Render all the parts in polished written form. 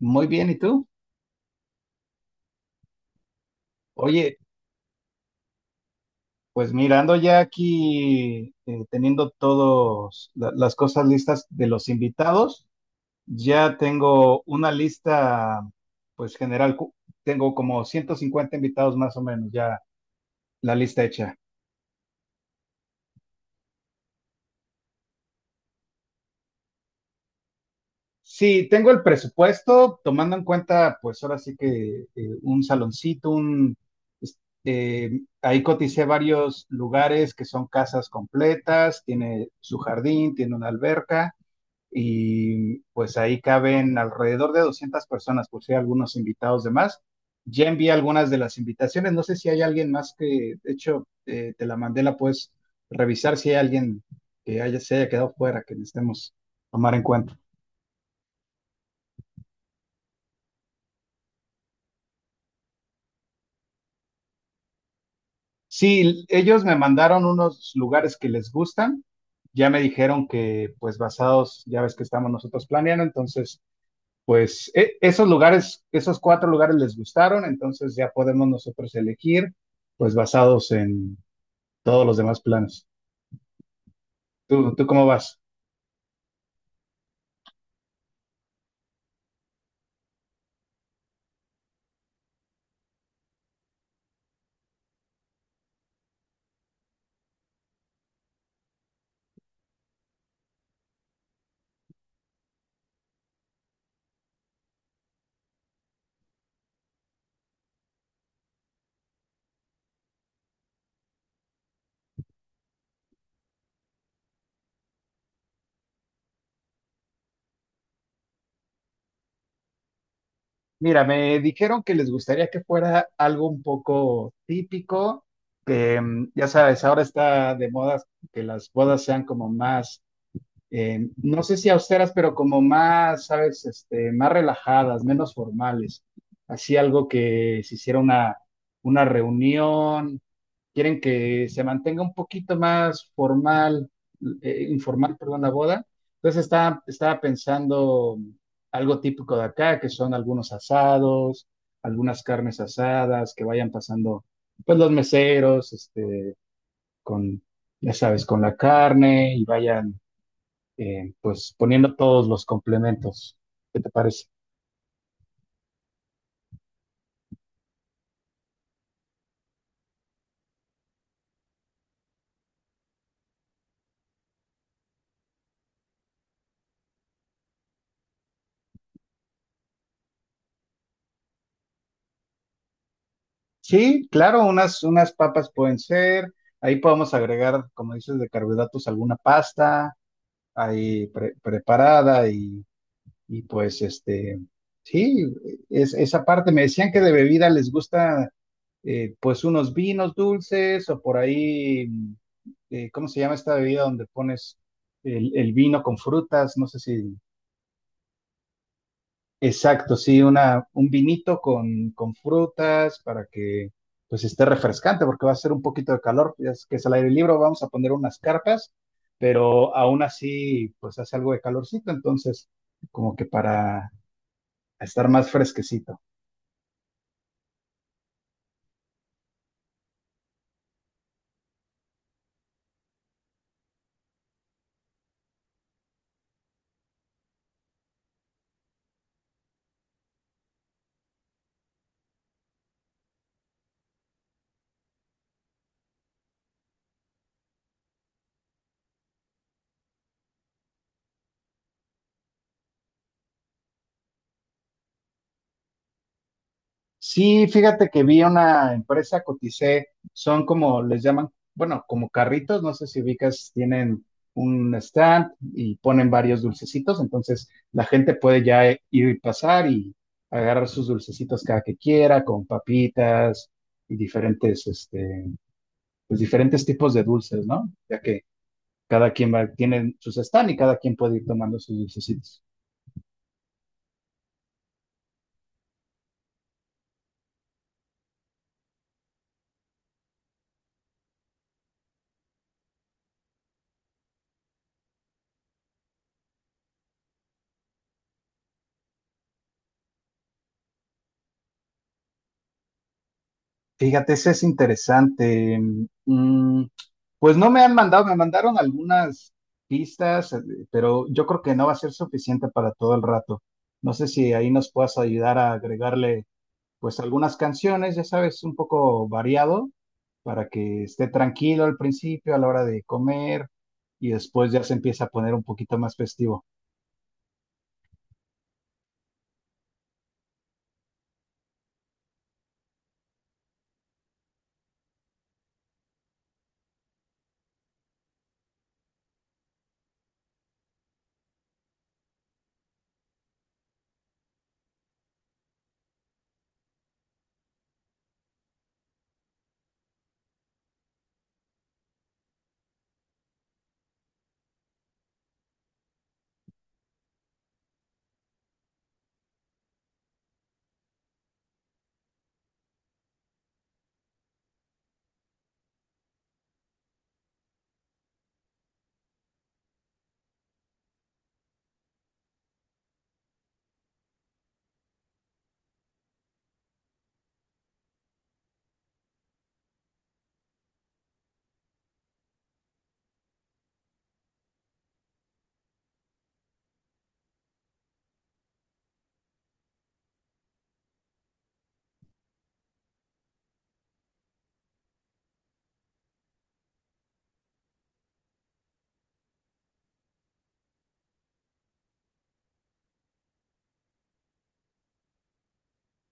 Muy bien, ¿y tú? Oye, pues mirando ya aquí, teniendo todas las cosas listas de los invitados, ya tengo una lista, pues general, tengo como 150 invitados más o menos, ya la lista hecha. Sí, tengo el presupuesto, tomando en cuenta, pues ahora sí que un saloncito, un, es- ahí coticé varios lugares que son casas completas, tiene su jardín, tiene una alberca. Y pues ahí caben alrededor de 200 personas, por si hay algunos invitados de más. Ya envié algunas de las invitaciones, no sé si hay alguien más que, de hecho, te la mandé, la puedes revisar si hay alguien que haya, se haya quedado fuera, que necesitemos tomar en cuenta. Sí, ellos me mandaron unos lugares que les gustan, ya me dijeron que pues basados, ya ves que estamos nosotros planeando, entonces pues esos lugares, esos cuatro lugares les gustaron, entonces ya podemos nosotros elegir, pues basados en todos los demás planes. ¿Tú, tú cómo vas? Mira, me dijeron que les gustaría que fuera algo un poco típico, que mm, ya sabes, ahora está de moda que las bodas sean como más, no sé si austeras, pero como más, sabes, este, más relajadas, menos formales. Así algo que se hiciera una reunión quieren que se mantenga un poquito más formal, informal, perdón, la boda. Entonces está, estaba pensando algo típico de acá, que son algunos asados, algunas carnes asadas, que vayan pasando, pues los meseros, este, con, ya sabes, con la carne y vayan, pues poniendo todos los complementos. ¿Qué te parece? Sí, claro, unas, unas papas pueden ser. Ahí podemos agregar, como dices, de carbohidratos alguna pasta, ahí preparada y pues este, sí, es, esa parte, me decían que de bebida les gusta pues unos vinos dulces o por ahí, ¿cómo se llama esta bebida donde pones el vino con frutas? No sé si. Exacto, sí, una, un vinito con frutas para que pues esté refrescante porque va a ser un poquito de calor, ya es que es al aire libre, vamos a poner unas carpas, pero aún así pues hace algo de calorcito, entonces como que para estar más fresquecito. Sí, fíjate que vi una empresa, coticé, son como les llaman, bueno, como carritos, no sé si ubicas, tienen un stand y ponen varios dulcecitos, entonces la gente puede ya ir y pasar y agarrar sus dulcecitos cada que quiera, con papitas y diferentes, este, pues diferentes tipos de dulces, ¿no? Ya que cada quien va, tiene sus stand y cada quien puede ir tomando sus dulcecitos. Fíjate, eso es interesante. Mm, pues no me han mandado, me mandaron algunas pistas, pero yo creo que no va a ser suficiente para todo el rato. No sé si ahí nos puedas ayudar a agregarle, pues algunas canciones, ya sabes, un poco variado, para que esté tranquilo al principio, a la hora de comer, y después ya se empieza a poner un poquito más festivo.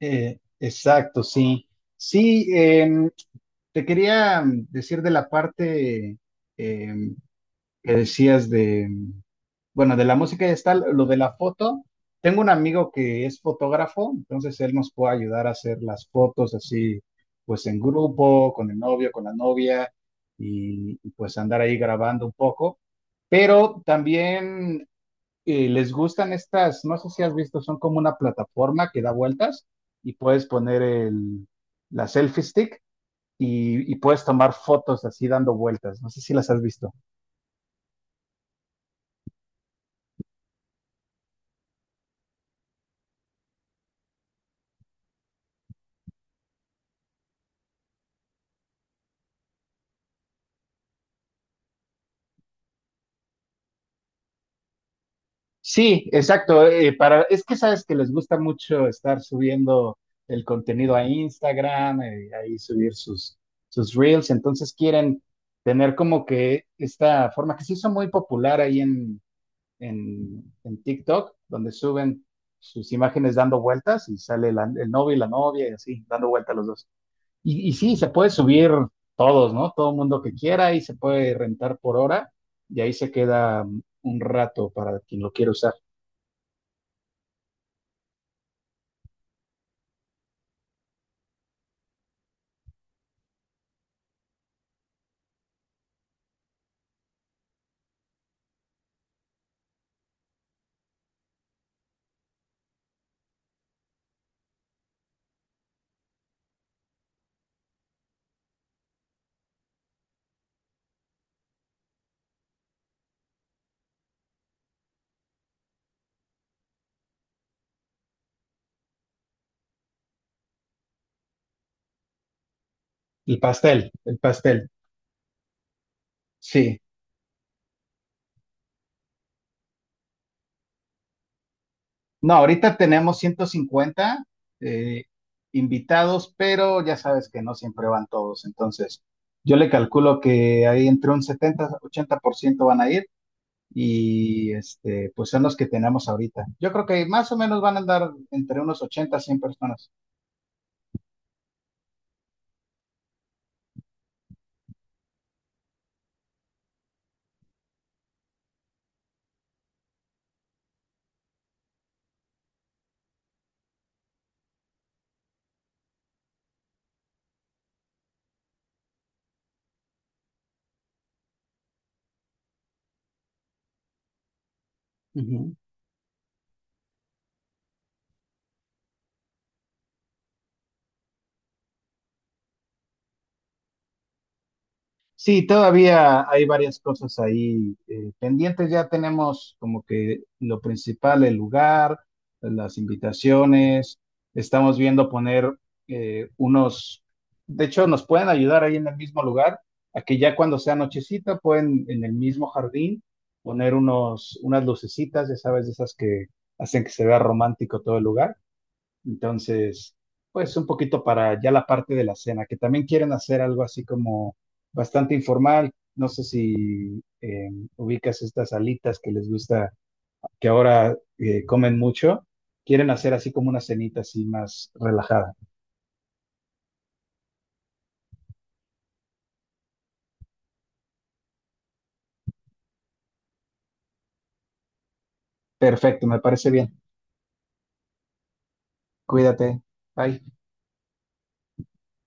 Exacto, sí. Sí, em, te quería mm, decir de la parte... em, que decías de, bueno, de la música y está lo de la foto. Tengo un amigo que es fotógrafo, entonces él nos puede ayudar a hacer las fotos así, pues en grupo, con el novio, con la novia, y pues andar ahí grabando un poco. Pero también les gustan estas, no sé si has visto, son como una plataforma que da vueltas y puedes poner el, la selfie stick y puedes tomar fotos así dando vueltas. No sé si las has visto. Sí, exacto. Para, es que sabes que les gusta mucho estar subiendo el contenido a Instagram, ahí subir sus, sus reels. Entonces quieren tener como que esta forma que se hizo muy popular ahí en TikTok, donde suben sus imágenes dando vueltas y sale el novio y la novia y así, dando vueltas los dos. Y sí, se puede subir todos, ¿no? Todo mundo que quiera y se puede rentar por hora y ahí se queda un rato para quien lo quiera usar. El pastel, el pastel. Sí. No, ahorita tenemos 150 eh, invitados, pero ya sabes que no siempre van todos. Entonces, yo le calculo que ahí entre un 70, 80% van a ir y este, pues son los que tenemos ahorita. Yo creo que más o menos van a andar entre unos 80, 100 personas. Sí, todavía hay varias cosas ahí pendientes. Ya tenemos como que lo principal, el lugar, las invitaciones. Estamos viendo poner unos, de hecho, nos pueden ayudar ahí en el mismo lugar, a que ya cuando sea nochecita pueden en el mismo jardín poner unos, unas lucecitas, ya sabes, de esas que hacen que se vea romántico todo el lugar. Entonces, pues un poquito para ya la parte de la cena, que también quieren hacer algo así como bastante informal. No sé si ubicas estas alitas que les gusta, que ahora comen mucho. Quieren hacer así como una cenita así más relajada. Perfecto, me parece bien. Cuídate. Bye.